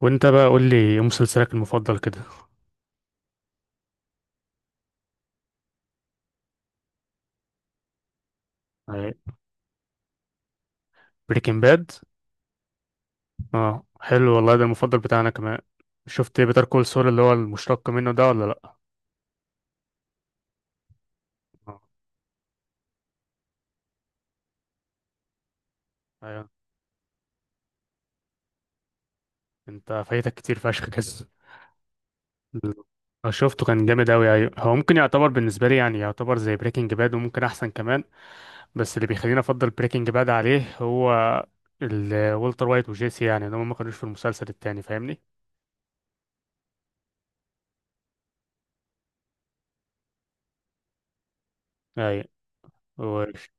وانت بقى قول لي ايه مسلسلك المفضل كده. بريكنج باد. اه حلو والله، ده المفضل بتاعنا كمان. شفت بيتر كول سول اللي هو المشتق منه ده ولا لا؟ اه. ايوه. انت فايتك كتير فشخ كده. اه، شفته كان جامد اوي. ايوه هو ممكن يعتبر بالنسبه لي، يعني يعتبر زي بريكنج باد وممكن احسن كمان. بس اللي بيخليني افضل بريكنج باد عليه هو والتر وايت وجيسي، يعني ان هم ما كانوش في المسلسل التاني، فاهمني. ايوه وش-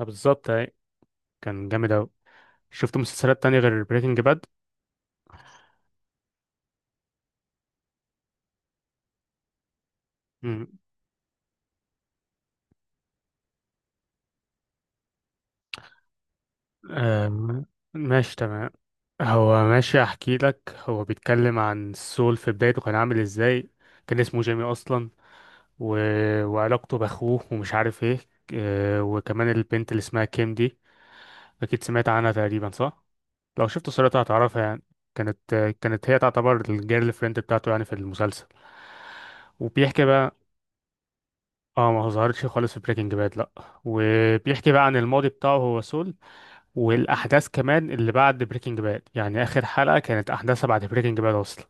اه، بالظبط ايوه. كان جامد اوي. شفت مسلسلات تانية غير بريكنج باد؟ مم. آم، ماشي تمام. هو ماشي احكي لك، هو بيتكلم عن السول في بدايته كان عامل ازاي. كان اسمه جيمي اصلا و... وعلاقته باخوه ومش عارف ايه. وكمان البنت اللي اسمها كيم دي، اكيد سمعت عنها تقريبا صح. لو شفت صورتها هتعرفها يعني. كانت كانت هي تعتبر الجيرل فريند بتاعته يعني في المسلسل. وبيحكي بقى. اه ما ظهرتش خالص في بريكنج باد لا. وبيحكي بقى عن الماضي بتاعه هو سول. والاحداث كمان اللي بعد بريكنج باد، يعني اخر حلقه كانت احداثها بعد بريكنج باد اصلا.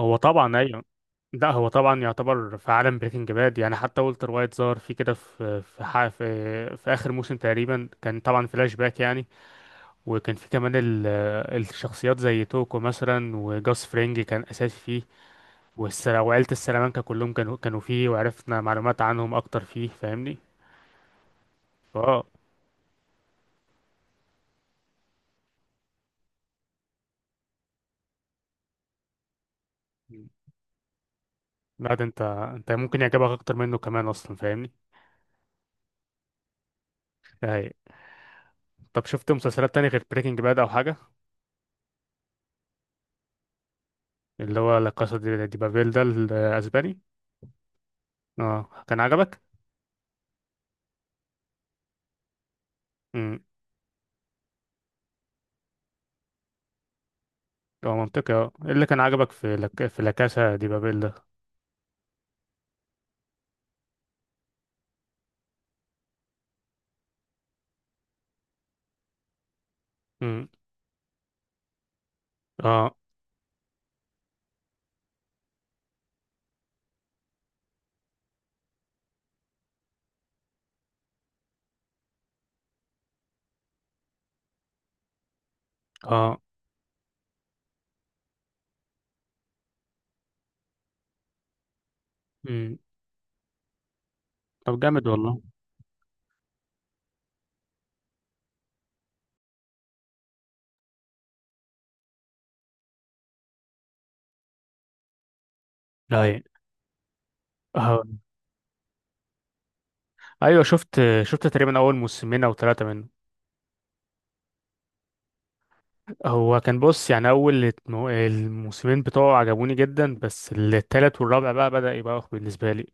هو طبعا ايوه. لا هو طبعا يعتبر في عالم بريكنج باد، يعني حتى والتر وايت ظهر في كده في في اخر موسم تقريبا، كان طبعا فلاش باك يعني. وكان في كمان الشخصيات زي توكو مثلا وجاس فرينج كان اساسي فيه. وعيلة السلامانكا كلهم كانوا فيه، وعرفنا معلومات عنهم اكتر فيه، فاهمني. فاه. لا ده انت، انت ممكن يعجبك اكتر منه كمان اصلا، فاهمني. طب شفت مسلسلات تانية غير بريكنج باد او حاجة؟ اللي هو لا كاسا دي بابيل ده الاسباني. اه كان عجبك؟ امم. هو منطقي. اه إيه اللي كان عجبك في في لا كاسا دي بابيل ده؟ امم. اه. اه. امم. طب جامد والله. اي. اه. ايوه شفت، تقريبا اول موسمين او ثلاثة منه. هو كان بص يعني، اول الموسمين بتوعه عجبوني جدا، بس التالت والرابع بقى بدأ يبقى أخ بالنسبة لي.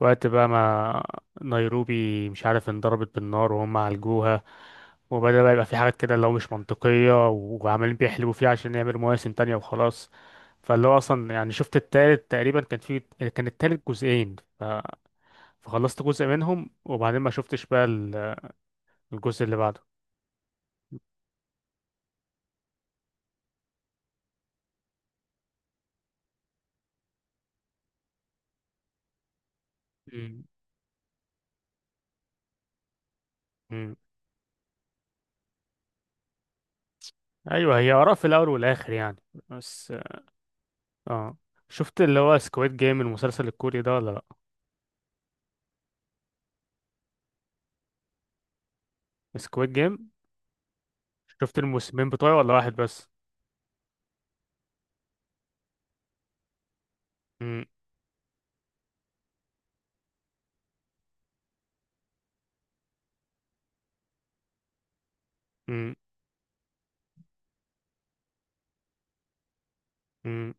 وقت بقى ما نيروبي مش عارف انضربت بالنار وهم عالجوها، وبدأ بقى يبقى في حاجات كده اللي هو مش منطقية وعمالين بيحلبوا فيها عشان يعملوا مواسم تانية وخلاص. فاللي هو أصلا يعني شفت التالت تقريبا كان في، كان التالت جزئين. فخلصت جزء منهم وبعدين ما شفتش بقى الجزء اللي بعده. مم. مم. أيوه هي آراء في الأول والآخر يعني. بس اه. شفت اللي هو سكويد جيم المسلسل الكوري ده ولا لأ؟ سكويد جيم. شفت الموسمين بتوعه ولا واحد بس؟ مم. مم. مم.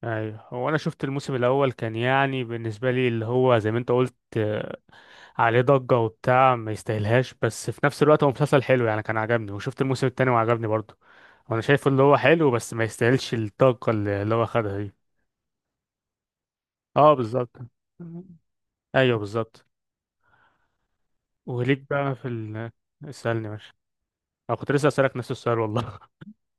ايوه هو انا شفت الموسم الاول كان يعني بالنسبه لي اللي هو زي ما انت قلت، عليه ضجه وبتاع ما يستاهلهاش، بس في نفس الوقت هو مسلسل حلو يعني، كان عجبني وشفت الموسم التاني وعجبني برضه. وانا شايف اللي هو حلو بس ما يستاهلش الضجه اللي هو خدها دي. اه بالظبط. ايوه بالظبط. وليك بقى في اسالني ماشي. انا كنت لسه اسالك نفس السؤال والله.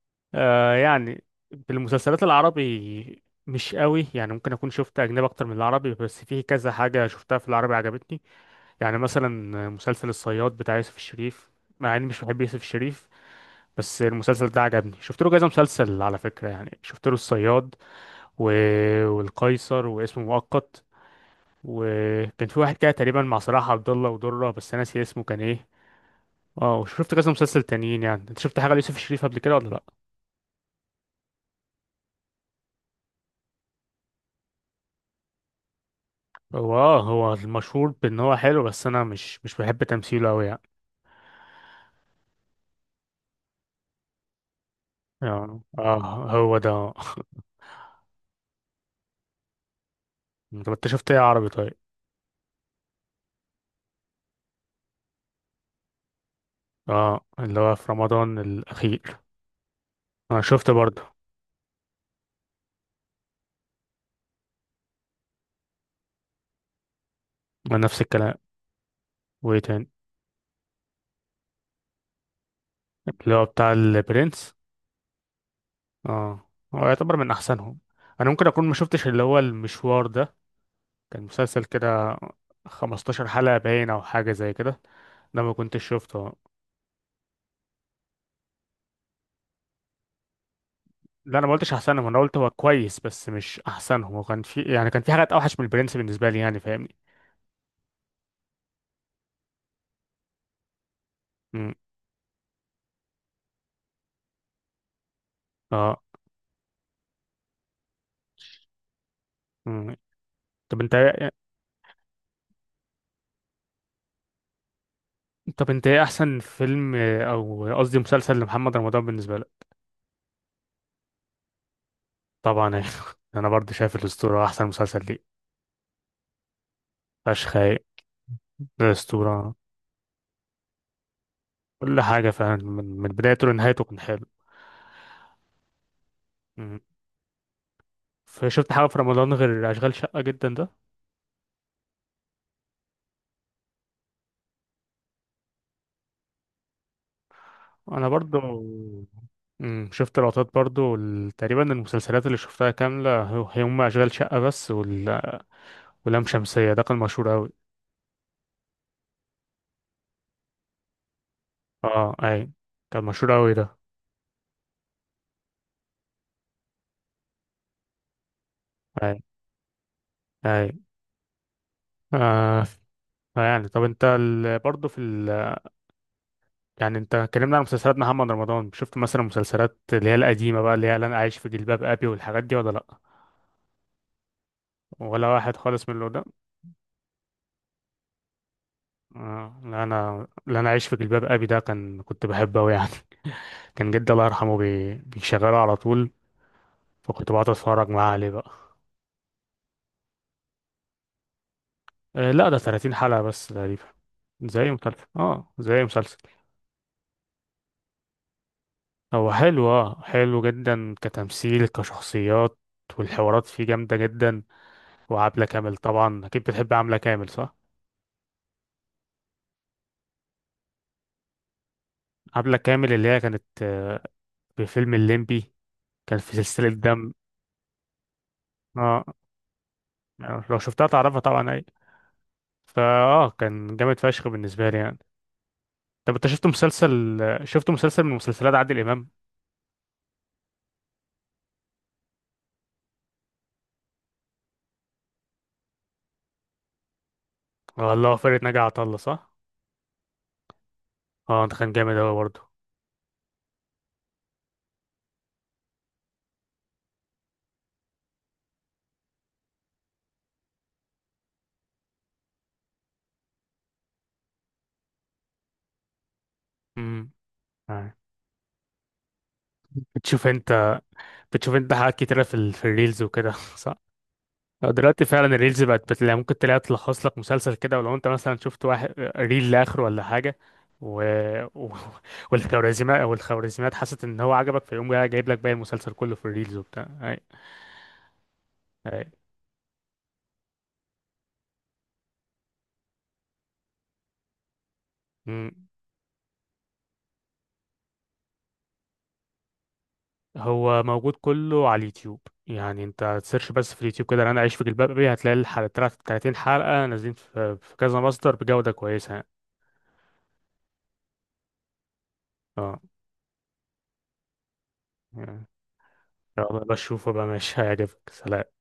آه يعني في المسلسلات العربي مش قوي، يعني ممكن اكون شفت اجنبي اكتر من العربي، بس في كذا حاجه شفتها في العربي عجبتني. يعني مثلا مسلسل الصياد بتاع يوسف الشريف، مع اني مش بحب يوسف الشريف، بس المسلسل ده عجبني. شفت له كذا مسلسل على فكرة يعني، شفت له الصياد و... والقيصر واسمه مؤقت، وكان في واحد كده تقريبا مع صلاح عبد الله ودرة بس انا ناسي اسمه كان ايه. اه وشفت كذا مسلسل تانيين يعني. انت شفت حاجة ليوسف الشريف قبل كده ولا لا؟ هو اه، هو المشهور بان هو حلو، بس انا مش بحب تمثيله قوي يعني. اه آه، هو ده. طب انت شفت ايه عربي طيب؟ اه اللي هو في رمضان الاخير. اه شفت برضه. نفس الكلام. وايه تاني؟ اللي هو بتاع البرنس. اه. هو يعتبر من احسنهم. انا ممكن اكون ما شفتش اللي هو المشوار ده، كان مسلسل كده 15 حلقة باين او حاجة زي كده، ده ما كنتش شفته. لا انا ما قلتش احسنهم، انا قلت هو كويس بس مش احسنهم، وكان في يعني كان في حاجات اوحش من البرنس بالنسبة لي يعني، فاهمني. امم. اه. امم. طب انت إيه، طب انت ايه احسن فيلم او قصدي مسلسل لمحمد رمضان بالنسبة لك؟ طبعا. انا برضه شايف الاسطورة احسن مسلسل ليه. فشخ هايل. أسطورة. كل حاجة فعلا من بدايته لنهايته كان حلو. مم. فشفت حاجة في رمضان غير أشغال شقة جدا ده؟ أنا برضو. مم. شفت لقطات برضو، تقريبا المسلسلات اللي شفتها كاملة هو- هي هم أشغال شقة بس ولام شمسية ده كان مشهور أوي. اه أي. كان مشهور أوي ده. أي. أي. آه يعني. طب أنت برضو في يعني أنت اتكلمنا عن مسلسلات محمد رمضان، شفت مثلا مسلسلات اللي هي القديمة بقى، اللي هي اللي أنا عايش في جلباب أبي والحاجات دي ولا لأ؟ ولا واحد خالص من اللي ده. لا انا عايش في جلباب ابي ده كان كنت بحبه قوي يعني. كان جدي الله يرحمه بيشغله على طول، فكنت بقعد اتفرج معاه عليه بقى. لا ده 30 حلقة بس تقريبا. زي مسلسل اه زي مسلسل. هو حلو، اه حلو جدا كتمثيل كشخصيات، والحوارات فيه جامدة جدا، وعبلة كامل طبعا. اكيد بتحب عبلة كامل صح؟ عبلة كامل اللي هي كانت في فيلم الليمبي، كان في سلسلة دم. اه. لو شفتها تعرفها طبعا. فاه كان جامد فشخ بالنسبه لي يعني. طب انت شفت مسلسل، شفت مسلسل من مسلسلات عادل امام؟ والله فرقة ناجي عطا الله صح. اه ده كان جامد اوي برضه. امم. آه. بتشوف انت، بتشوف انت حاجات كتيره في في الريلز وكده صح؟ آه، دلوقتي فعلا الريلز بقت بتلاقي، ممكن تلاقي تلخص لك مسلسل كده ولو انت مثلا شفت واحد ريل لاخره ولا حاجه و... و... والخوارزميات، حست ان هو عجبك فيقوم جاي جايب لك باقي المسلسل كله في الريلز وبتاع اي. اي. هو موجود كله على اليوتيوب يعني. انت تسيرش بس في اليوتيوب كده انا عايش في جلباب ابي هتلاقي الحلقة، 30 حلقة نازلين في كذا مصدر بجودة كويسة يعني. اه يعني. يلا بشوفه بقى ماشي، هيعجبك. سلام.